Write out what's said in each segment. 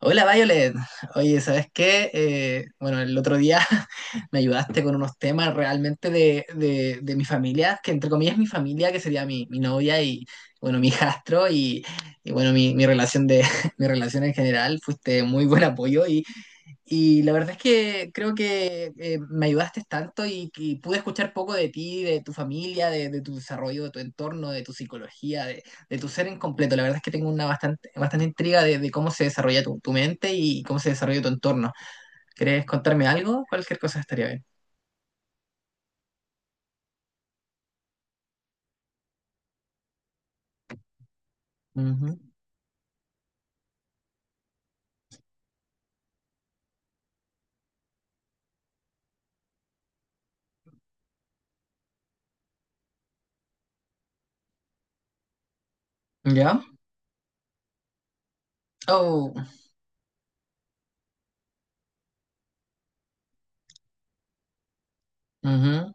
Hola Violet, oye, ¿sabes qué? Bueno, el otro día me ayudaste con unos temas realmente de mi familia, que entre comillas mi familia, que sería mi novia y, bueno, mi hijastro y, mi relación de, mi relación en general. Fuiste muy buen apoyo y la verdad es que creo que me ayudaste tanto y pude escuchar poco de ti, de tu familia, de tu desarrollo, de tu entorno, de tu psicología, de tu ser en completo. La verdad es que tengo una bastante, bastante intriga de cómo se desarrolla tu mente y cómo se desarrolla tu entorno. ¿Querés contarme algo? Cualquier cosa estaría bien. Ujú. ¿Ya? Oh, ujú,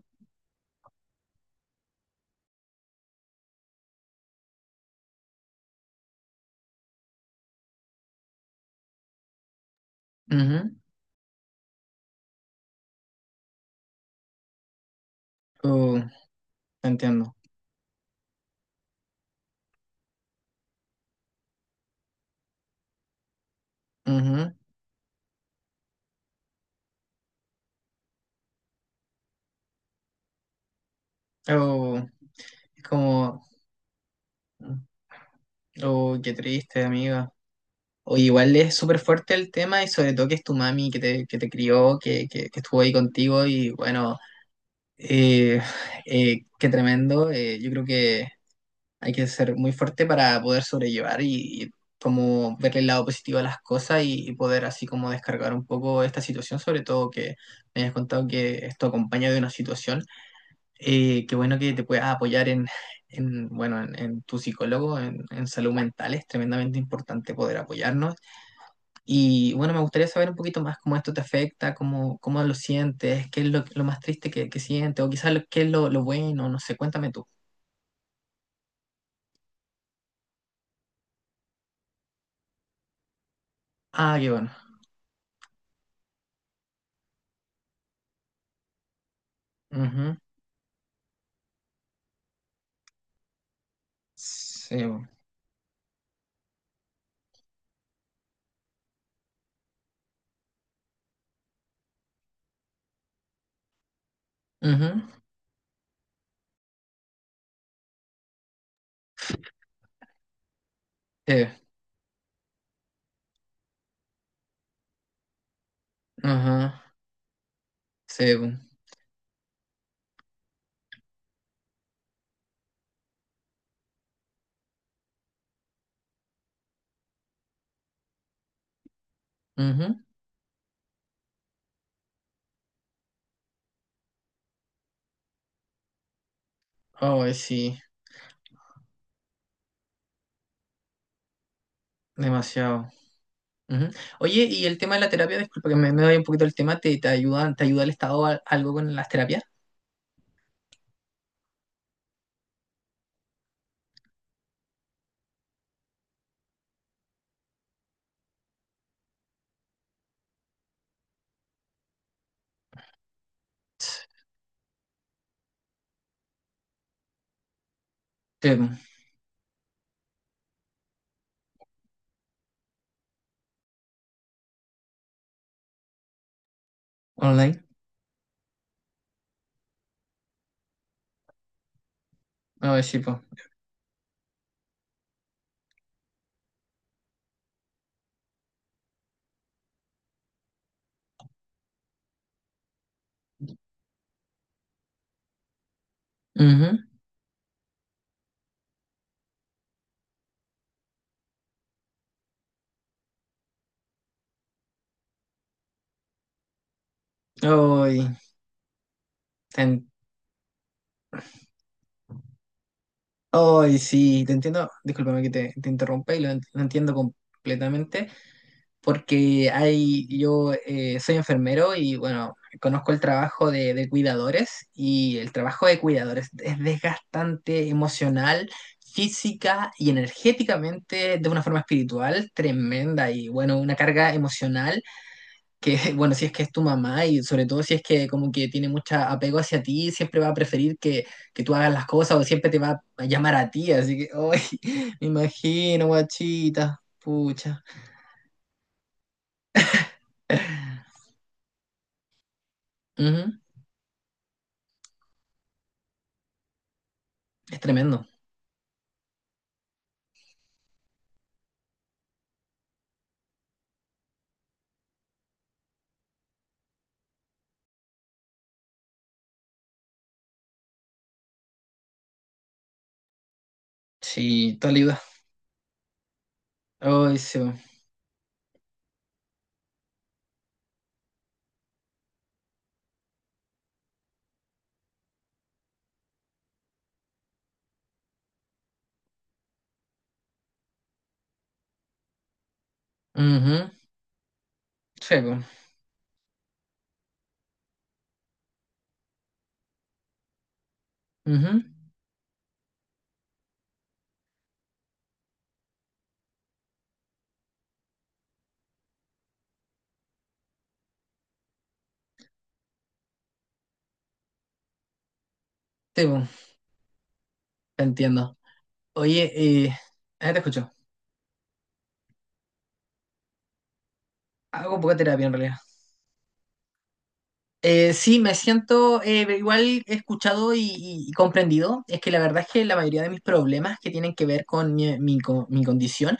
ujú. Oh, entiendo. Ujú. Oh, es como... Oh, qué triste, amiga. O igual es súper fuerte el tema y sobre todo que es tu mami que te crió, que estuvo ahí contigo y bueno, eh, qué tremendo. Yo creo que hay que ser muy fuerte para poder sobrellevar y como verle el lado positivo a las cosas y poder así como descargar un poco esta situación, sobre todo que me hayas contado que esto acompaña de una situación. Qué bueno que te puedas apoyar en, bueno, en tu psicólogo, en salud mental. Es tremendamente importante poder apoyarnos y bueno, me gustaría saber un poquito más cómo esto te afecta, cómo, cómo lo sientes, qué es lo más triste que sientes, o quizás lo- qué es lo bueno, no sé, cuéntame tú. Ah, qué bueno. Ujú. Sí, bo. Ujú. Sí. Ajá. Sí, bo. Ujú. Ay, sí, demasiado. Ujú. Oye, y el tema de la terapia, disculpa que me doy un poquito el tema, ¿te, te ayudan, te ayuda el Estado a- algo con las terapias? Sí, bo. Online. Ay, sí, pues. Ay, te ay, sí, te entiendo, discúlpame que te interrumpa y lo, ent- lo entiendo completamente, porque hay, yo soy enfermero y bueno, conozco el trabajo de cuidadores y el trabajo de cuidadores es desgastante emocional, física y energéticamente de una forma espiritual tremenda y bueno, una carga emocional que, bueno, si es que es tu mamá y sobre todo si es que como que tiene mucho apego hacia ti, siempre va a preferir que tú hagas las cosas o siempre te va a llamar a ti, así que, hoy me imagino, guachita, pucha. Ujú. Es tremendo. Sí, te ayuda. Ay, sí, po. Ujú. Sí, po. Ujú. Sí, po. Te entiendo. Oye, eh, ah, te escucho. Hago poca terapia en realidad. Sí, me siento igual escuchado y, y comprendido. Es que la verdad es que la mayoría de mis problemas que tienen que ver con mi, mi co- mi condición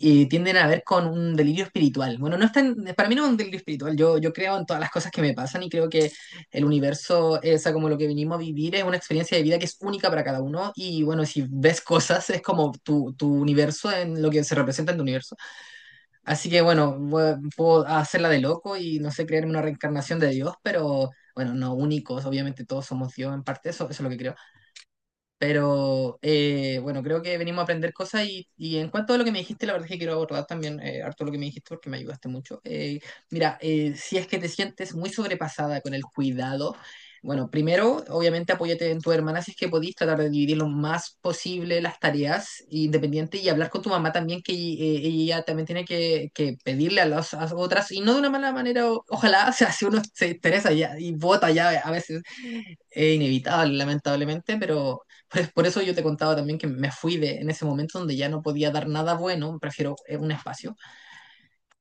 tienden a ver con un delirio espiritual. Bueno, no es tan- para mí no es un delirio espiritual. Yo creo en todas las cosas que me pasan y creo que el universo, o sea, como lo que venimos a vivir, es una experiencia de vida que es única para cada uno. Y bueno, si ves cosas, es como tu universo en lo que se representa en tu universo. Así que bueno, voy- puedo hacerla de loco y no sé, creerme una reencarnación de Dios, pero bueno, no únicos, obviamente todos somos Dios en parte, eso es lo que creo. Pero bueno, creo que venimos a aprender cosas y en cuanto a lo que me dijiste, la verdad es que quiero abordar también harto lo que me dijiste porque me ayudaste mucho. Mira, si es que te sientes muy sobrepasada con el cuidado, bueno, primero, obviamente apóyate en tu hermana si es que podís tratar de dividir lo más posible las tareas independientes y hablar con tu mamá también, que ella también tiene que pedirle a las a otras y no de una mala manera, o- ojalá, o sea, si uno se interesa ya y vota ya a veces es inevitable, lamentablemente, pero pues, por eso yo te contaba también que me fui de, en ese momento donde ya no podía dar nada bueno, prefiero un espacio.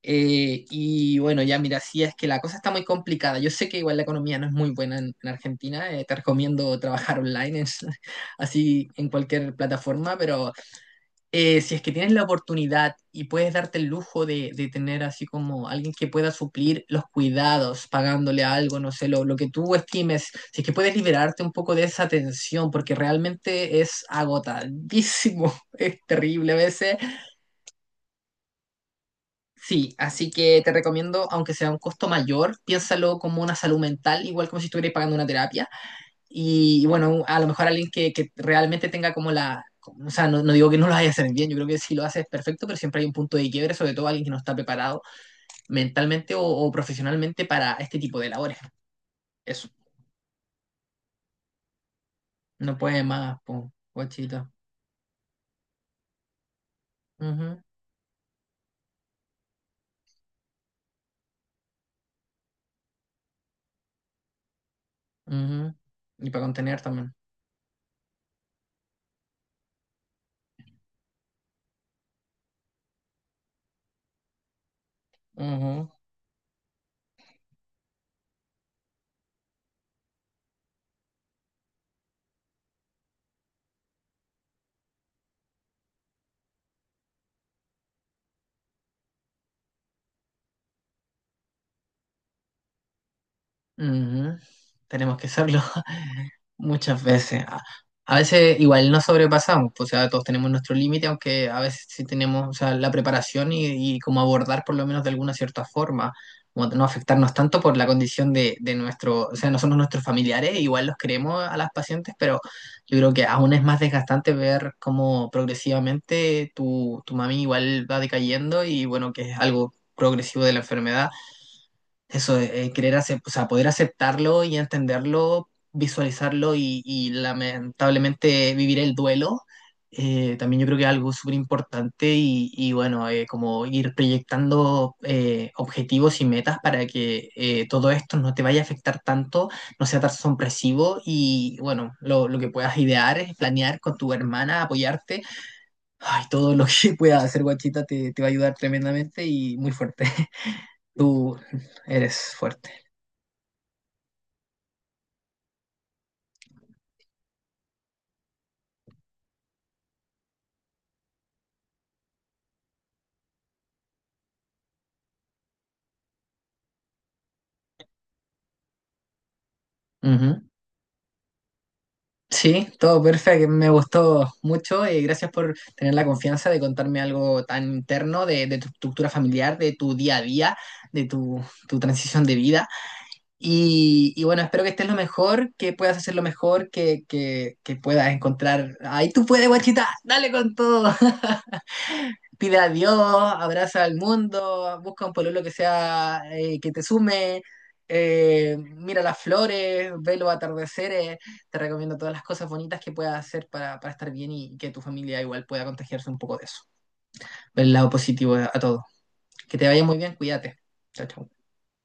Y bueno, ya mira, sí es que la cosa está muy complicada. Yo sé que igual la economía no es muy buena en Argentina, te recomiendo trabajar online, es- así en cualquier plataforma, pero si es que tienes la oportunidad y puedes darte el lujo de tener así como alguien que pueda suplir los cuidados, pagándole algo, no sé, lo que tú estimes, si es que puedes liberarte un poco de esa tensión, porque realmente es agotadísimo, es terrible a veces. Sí, así que te recomiendo, aunque sea un costo mayor, piénsalo como una salud mental, igual como si estuvieras pagando una terapia. Y bueno, a lo mejor alguien que realmente tenga como la... O sea, no digo que no lo vaya a hacer bien, yo creo que si lo hace es perfecto, pero siempre hay un punto de quiebre, sobre todo alguien que no está preparado mentalmente o profesionalmente para este tipo de labores. Eso, no puede más, po, guachita. Ujú, ujú. Y para contener también. Ujú, ujú. Tenemos que serlo. Muchas veces. A veces igual no sobrepasamos, pues, o sea, todos tenemos nuestro límite, aunque a veces sí tenemos, o sea, la preparación y cómo abordar por lo menos de alguna cierta forma, como no afectarnos tanto por la condición de nuestro, o sea, no somos nuestros familiares, igual los queremos a las pacientes, pero yo creo que aún es más desgastante ver cómo progresivamente tu mami igual va decayendo y bueno, que es algo progresivo de la enfermedad eso, querer acep- o sea, poder aceptarlo y entenderlo, visualizarlo y lamentablemente vivir el duelo, también yo creo que es algo súper importante y bueno, como ir proyectando objetivos y metas para que todo esto no te vaya a afectar tanto, no sea tan sorpresivo y bueno, lo que puedas idear, es planear con tu hermana, apoyarte, ay, todo lo que puedas hacer, guachita, te va a ayudar tremendamente y muy fuerte. Tú eres fuerte. Ujú. Sí, todo perfecto, me gustó mucho y gracias por tener la confianza de contarme algo tan interno de tu estructura familiar, de tu día a día, de tu, tu transición de vida. Y bueno, espero que estés lo mejor, que puedas hacer lo mejor, que puedas encontrar... Ahí tú puedes, guachita, dale con todo. Pide a Dios, abraza al mundo, busca un pololo que sea, que te sume, mira las flores, ve los atardeceres, te recomiendo todas las cosas bonitas que puedas hacer para estar bien y que tu familia igual pueda contagiarse un poco de eso. Ver el lado positivo a, todo. Que te vaya muy bien, cuídate. Chao, chao.